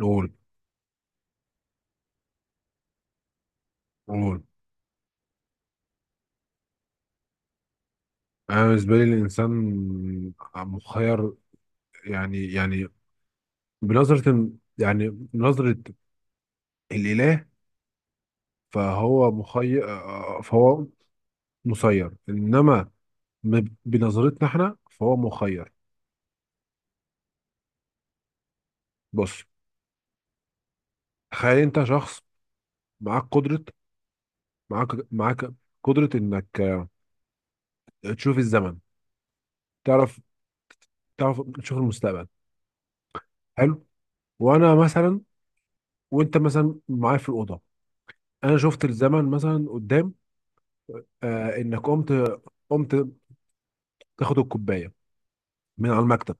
قول قول. انا بالنسبه لي الانسان مخير. يعني بنظره، يعني نظره الاله، فهو مخير. فهو مسير، انما بنظرتنا احنا فهو مخير. بص، تخيل انت شخص معاك قدره معاك معاك قدره انك تشوف الزمن، تعرف تعرف تشوف المستقبل. حلو. وانا مثلا وانت مثلا معايا في الاوضه، انا شفت الزمن مثلا قدام، انك قمت تاخد الكوبايه من على المكتب.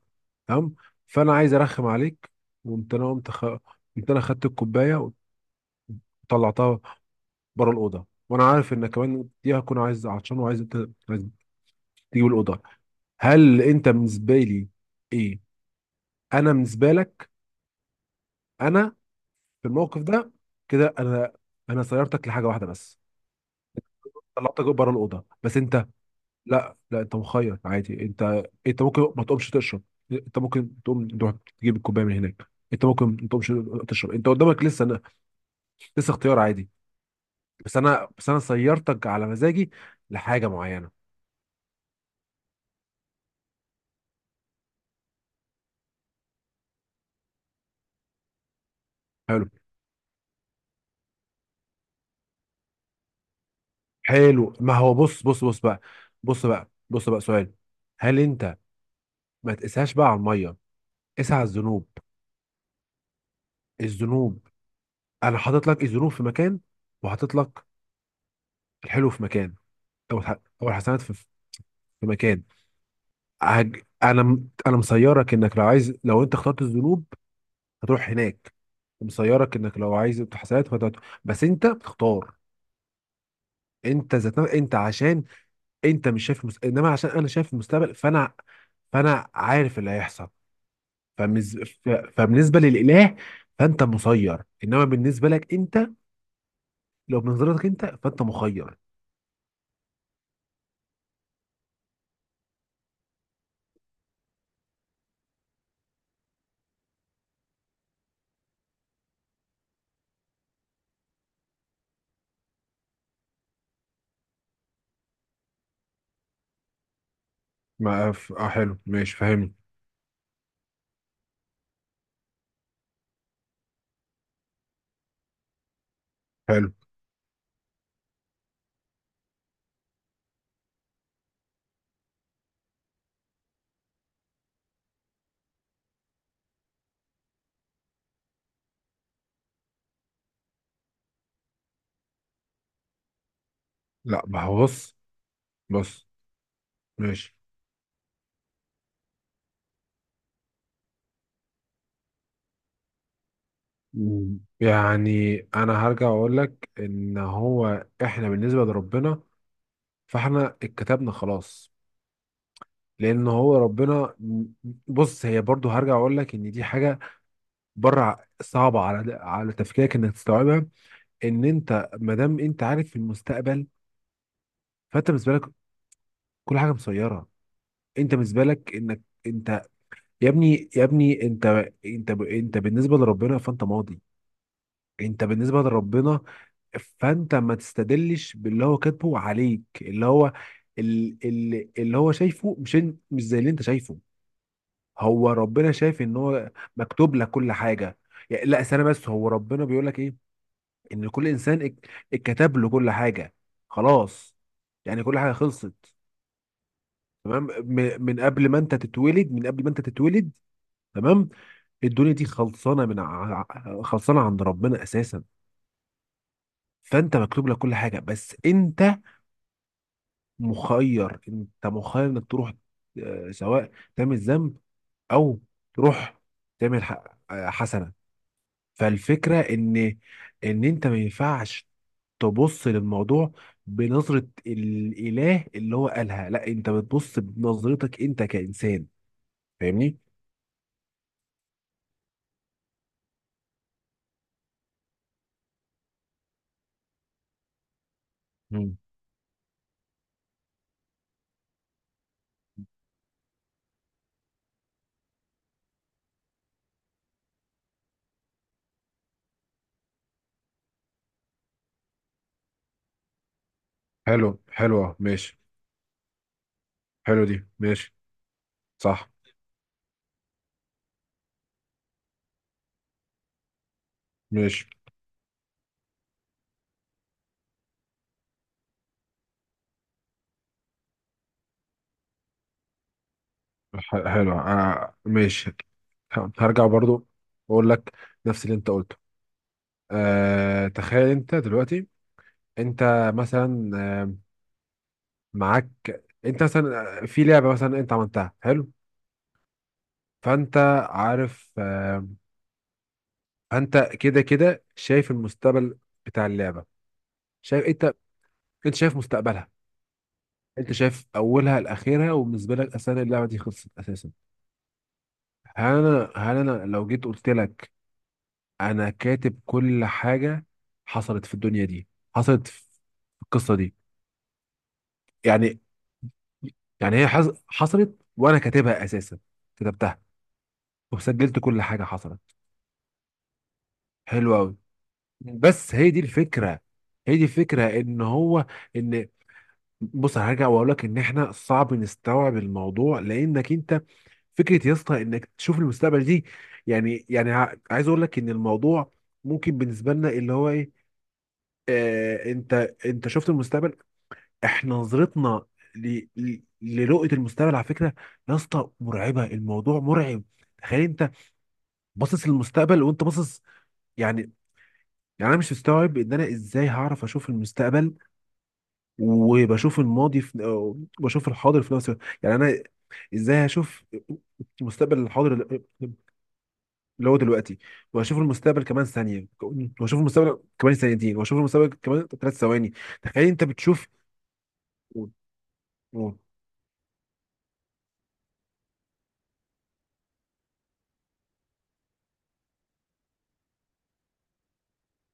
تمام. فانا عايز ارخم عليك، وقمت انا قمت خ... قمت انا خدت الكوبايه وطلعتها بره الاوضه، وانا عارف انك كمان دي هكون عايز عطشان وعايز ت- عايز تجيب الاوضه. هل انت بالنسبه لي ايه انا بالنسبه لك، انا في الموقف ده، كده انا سيرتك لحاجه واحده بس، طلعتك بره الاوضه. بس انت لا، لا، انت مخير عادي. انت انت ممكن ما تقومش تشرب، انت ممكن تقوم تروح تجيب الكوبايه من هناك، انت ممكن ما تقومش تشرب. انت قدامك لسه، لسه اختيار عادي. بس انا سيرتك على مزاجي لحاجه معينه. حلو، حلو. ما هو بص بص بص بقى، بص بقى، بص بقى سؤال. هل انت ما تقساش بقى على الميه، قسها على الذنوب. الذنوب، انا حاطط لك الذنوب في مكان، وحاطط لك الحلو في مكان، او الحسنات في مكان. انا مسيرك انك لو عايز، لو انت اخترت الذنوب هتروح هناك، مسيرك انك لو عايز الحسنات فهتروح، بس انت بتختار. انت عشان انت مش شايف مس... انما عشان انا شايف المستقبل فانا عارف اللي هيحصل. فبالنسبه للاله فانت مسير، انما بالنسبه لك انت، لو بنظرتك انت فانت مخير. ما ف... اه حلو ماشي، فاهمني. حلو. لا، ما هو بص، بص. ماشي. مم. يعني انا هرجع اقول لك ان هو احنا بالنسبه لربنا فاحنا اتكتبنا، خلاص. لان هو ربنا، بص، هي برضو هرجع اقول لك ان دي حاجه بره صعبه على تفكيرك انك تستوعبها. ان انت ما دام انت عارف في المستقبل، فانت بالنسبه لك كل حاجه مسيره. انت بالنسبه لك انك انت يا ابني، يا ابني انت، انت بالنسبه لربنا فانت ماضي. انت بالنسبه لربنا فانت ما تستدلش باللي هو كاتبه عليك، اللي هو اللي هو شايفه، مش زي اللي انت شايفه. هو ربنا شايف ان هو مكتوب لك كل حاجه. يعني لا استنى بس، هو ربنا بيقول لك ايه؟ ان كل انسان اتكتب له كل حاجه، خلاص. يعني كل حاجه خلصت. تمام، من قبل ما انت تتولد، تمام. الدنيا دي خلصانه من خلصانه عند ربنا اساسا. فانت مكتوب لك كل حاجه، بس انت مخير. انك تروح سواء تعمل ذنب، او تروح تعمل ح- حسنه. فالفكره ان انت ما ينفعش تبص للموضوع بنظره الاله اللي هو قالها، لا، انت بتبص بنظرتك انت كانسان. فاهمني. مم. حلو. حلوة، ماشي. حلو دي، ماشي. صح. ماشي. حلوة آه، ماشي. هرجع برضو أقول لك نفس اللي أنت قلته. أه، تخيل انت دلوقتي، انت مثلا آه، معاك انت مثلا في لعبة مثلا انت عملتها، حلو. فانت عارف فانت كده شايف المستقبل بتاع اللعبة. شايف انت، انت شايف مستقبلها، انت شايف اولها لاخرها، وبالنسبة لك اصلا اللعبة دي خلصت اساسا. هل انا لو جيت قلت لك انا كاتب كل حاجة حصلت في الدنيا دي، حصلت في القصة دي، يعني يعني هي حصلت وانا كاتبها اساسا، كتبتها وسجلت كل حاجه حصلت. حلو قوي. بس هي دي الفكره هي دي الفكره ان هو، ان، بص، هرجع واقول لك ان احنا صعب نستوعب الموضوع لانك انت، فكره يا اسطى انك تشوف المستقبل دي، يعني عايز اقول لك ان الموضوع ممكن بالنسبه لنا اللي هو ايه. آه، انت، انت شفت المستقبل. احنا نظرتنا لرؤية المستقبل، على فكرة يا اسطى مرعبة، الموضوع مرعب. تخيل انت باصص للمستقبل وانت باصص، يعني يعني انا مش مستوعب ان انا ازاي هعرف اشوف المستقبل وبشوف الماضي في، أو بشوف الحاضر في نفس الوقت. يعني انا ازاي هشوف المستقبل الحاضر اللي هو دلوقتي، واشوف المستقبل كمان ثانيه، واشوف المستقبل كمان ثانيتين، واشوف المستقبل كمان ثلاث ثواني. تخيل انت بتشوف و- و-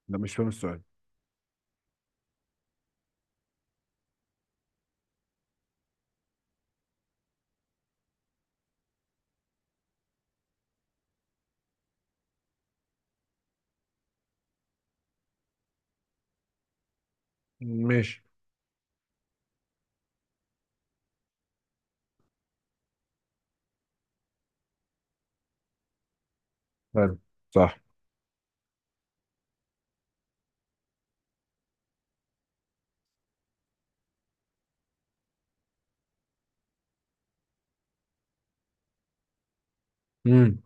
لا، مش فاهم السؤال. ماشي. حلو. صح. امم.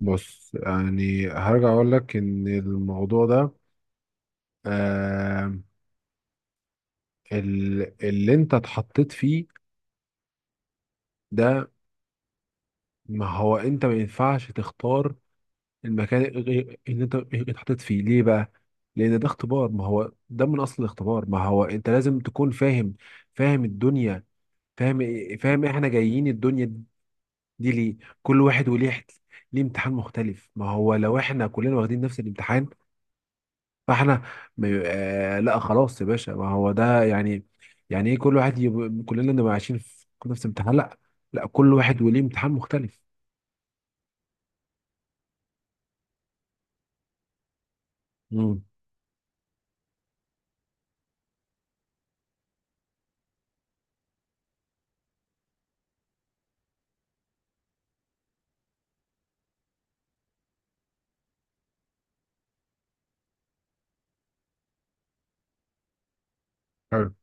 بص، يعني هرجع اقول لك ان الموضوع ده، آه، اللي انت اتحطيت فيه ده، ما هو انت ما ينفعش تختار المكان اللي انت اتحطيت فيه. ليه بقى؟ لان ده اختبار، ما هو ده من اصل الاختبار. ما هو انت لازم تكون فاهم، فاهم الدنيا، فاهم إيه احنا جايين الدنيا دي ليه. كل واحد وليه ليه امتحان مختلف، ما هو لو احنا كلنا واخدين نفس الامتحان فاحنا آه لا خلاص يا باشا، ما هو ده يعني، يعني ايه كل واحد كلنا نبقى عايشين في نفس امتحان، لا، لا كل واحد وليه امتحان مختلف. امم. حلو،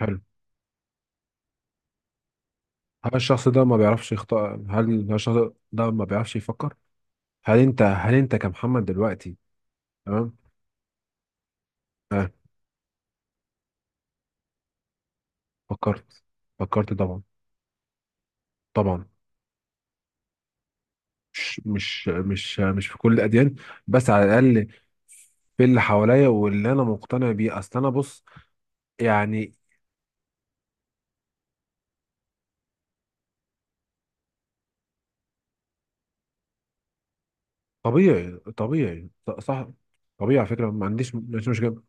حلو. هل الشخص ده ما بيعرفش يخطأ؟ هل الشخص ده ما بيعرفش يفكر؟ هل انت كمحمد دلوقتي. تمام. آه، فكرت، فكرت طبعا. طبعا. مش في كل الاديان، بس على الاقل في اللي حواليا واللي انا مقتنع بيه. اصل انا بص يعني، طبيعي، طبيعي صح. طبيعي على فكره، ما عنديش، ما عنديش مشكله.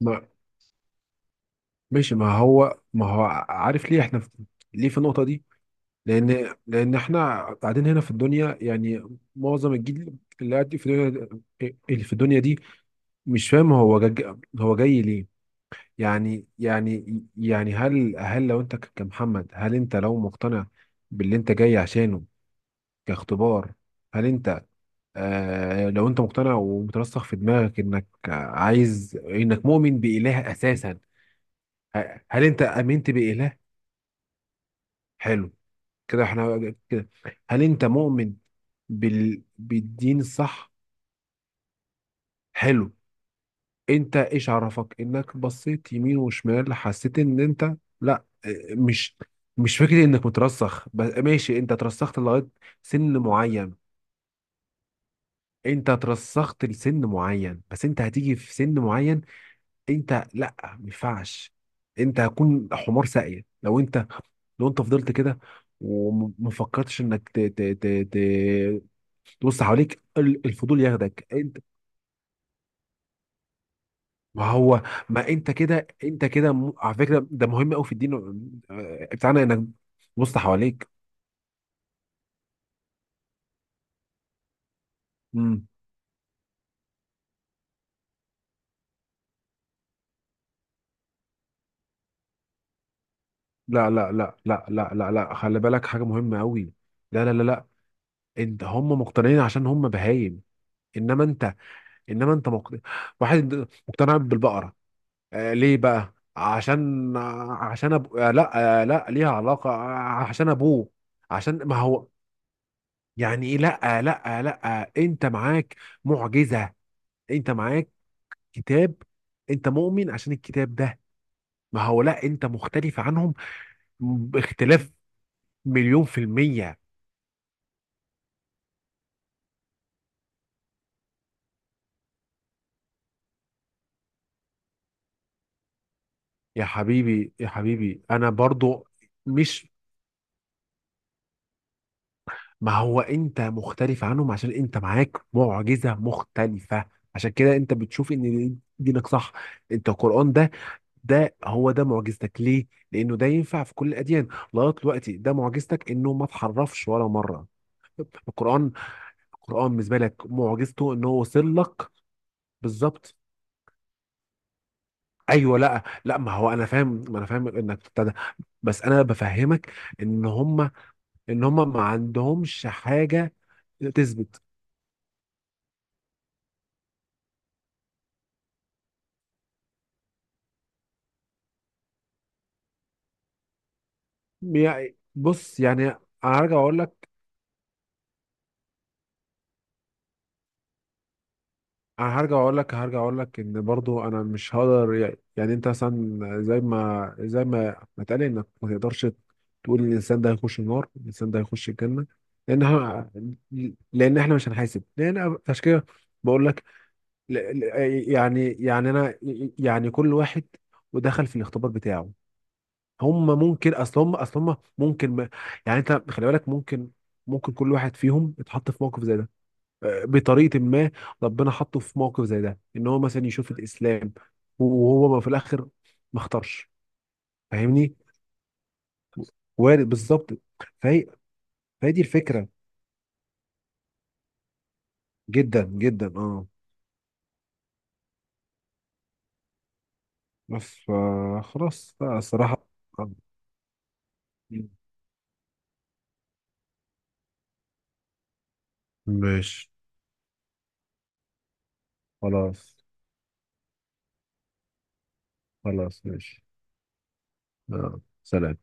ما، ماشي. ما هو، ما هو عارف ليه احنا ليه في النقطه دي؟ لان، لان احنا قاعدين هنا في الدنيا يعني، معظم الجيل اللي قاعد في الدنيا، اللي في الدنيا دي، مش فاهم هو هو جاي ليه. يعني يعني يعني هل لو انت كمحمد، هل انت لو مقتنع باللي انت جاي عشانه كاختبار، هل انت، آه لو انت مقتنع ومترسخ في دماغك انك عايز، انك مؤمن بإله اساسا، هل انت امنت بإله؟ حلو. كده احنا كده، هل انت مؤمن بالدين الصح؟ حلو. انت ايش عرفك انك بصيت يمين وشمال حسيت ان انت، لا مش، مش فكرة انك مترسخ بس، ماشي انت ترسخت لغاية سن معين. انت ترسخت لسن معين بس انت هتيجي في سن معين. انت لا، ما ينفعش، انت هتكون حمار ساقية لو انت، لو انت فضلت كده وما فكرتش انك ت... تبص حواليك، الفضول ياخدك انت. ما هو، ما انت كده، انت كده على فكرة ده مهم قوي في الدين بتاعنا انك تبص حواليك. مم. لا، لا، لا، لا، لا، لا، لا، خلي بالك حاجة مهمة قوي. لا، لا، لا، لا، انت هم مقتنعين عشان هم بهايم. انما انت، انما انت مقتنع. واحد مقتنع بالبقرة آه ليه بقى؟ عشان، آه لا، آه لا ليها علاقة آه، عشان ابوه. عشان ما هو يعني ايه، لا لا لا انت معاك معجزة، انت معاك كتاب، انت مؤمن عشان الكتاب ده. ما هو لا، انت مختلف عنهم باختلاف مليون في المية. يا حبيبي، يا حبيبي انا برضو مش، ما هو انت مختلف عنهم عشان انت معاك معجزة مختلفة، عشان كده انت بتشوف ان دينك صح. انت القرآن ده، ده هو ده معجزتك ليه؟ لأنه ده ينفع في كل الأديان لغاية دلوقتي. ده معجزتك إنه ما اتحرفش ولا مرة. القرآن القرآن بالنسبة لك معجزته إنه وصل لك. بالظبط. أيوه. لا، لا، ما هو أنا فاهم، ما أنا فاهم إنك ابتدى، بس أنا بفهمك إن هم، إن هم ما عندهمش حاجة تثبت. يعني بص، يعني أنا هرجع أقول لك، انا هرجع اقول لك هرجع اقول لك ان برضو انا مش هقدر. يعني انت مثلا زي ما ما اتقال انك ما تقدرش تقول ان الانسان ده هيخش النار، الانسان ده هيخش الجنه، لان ه- لان احنا مش هنحاسب، لان عشان كده بقول لك. ل- ل- يعني انا، يعني كل واحد ودخل في الاختبار بتاعه. هم ممكن، اصل هم اصل هم ممكن ما، يعني انت خلي بالك، ممكن كل واحد فيهم اتحط في موقف زي ده، بطريقه ما ربنا حطه في موقف زي ده ان هو مثلا يشوف الاسلام، وهو ما في الاخر ما اختارش. فاهمني. وارد بالظبط. فهي فهي دي الفكره. جدا جدا، اه. بس فا خلاص بقى الصراحه. آه. ماشي. خلاص. خلاص، ماشي. آه. سلام.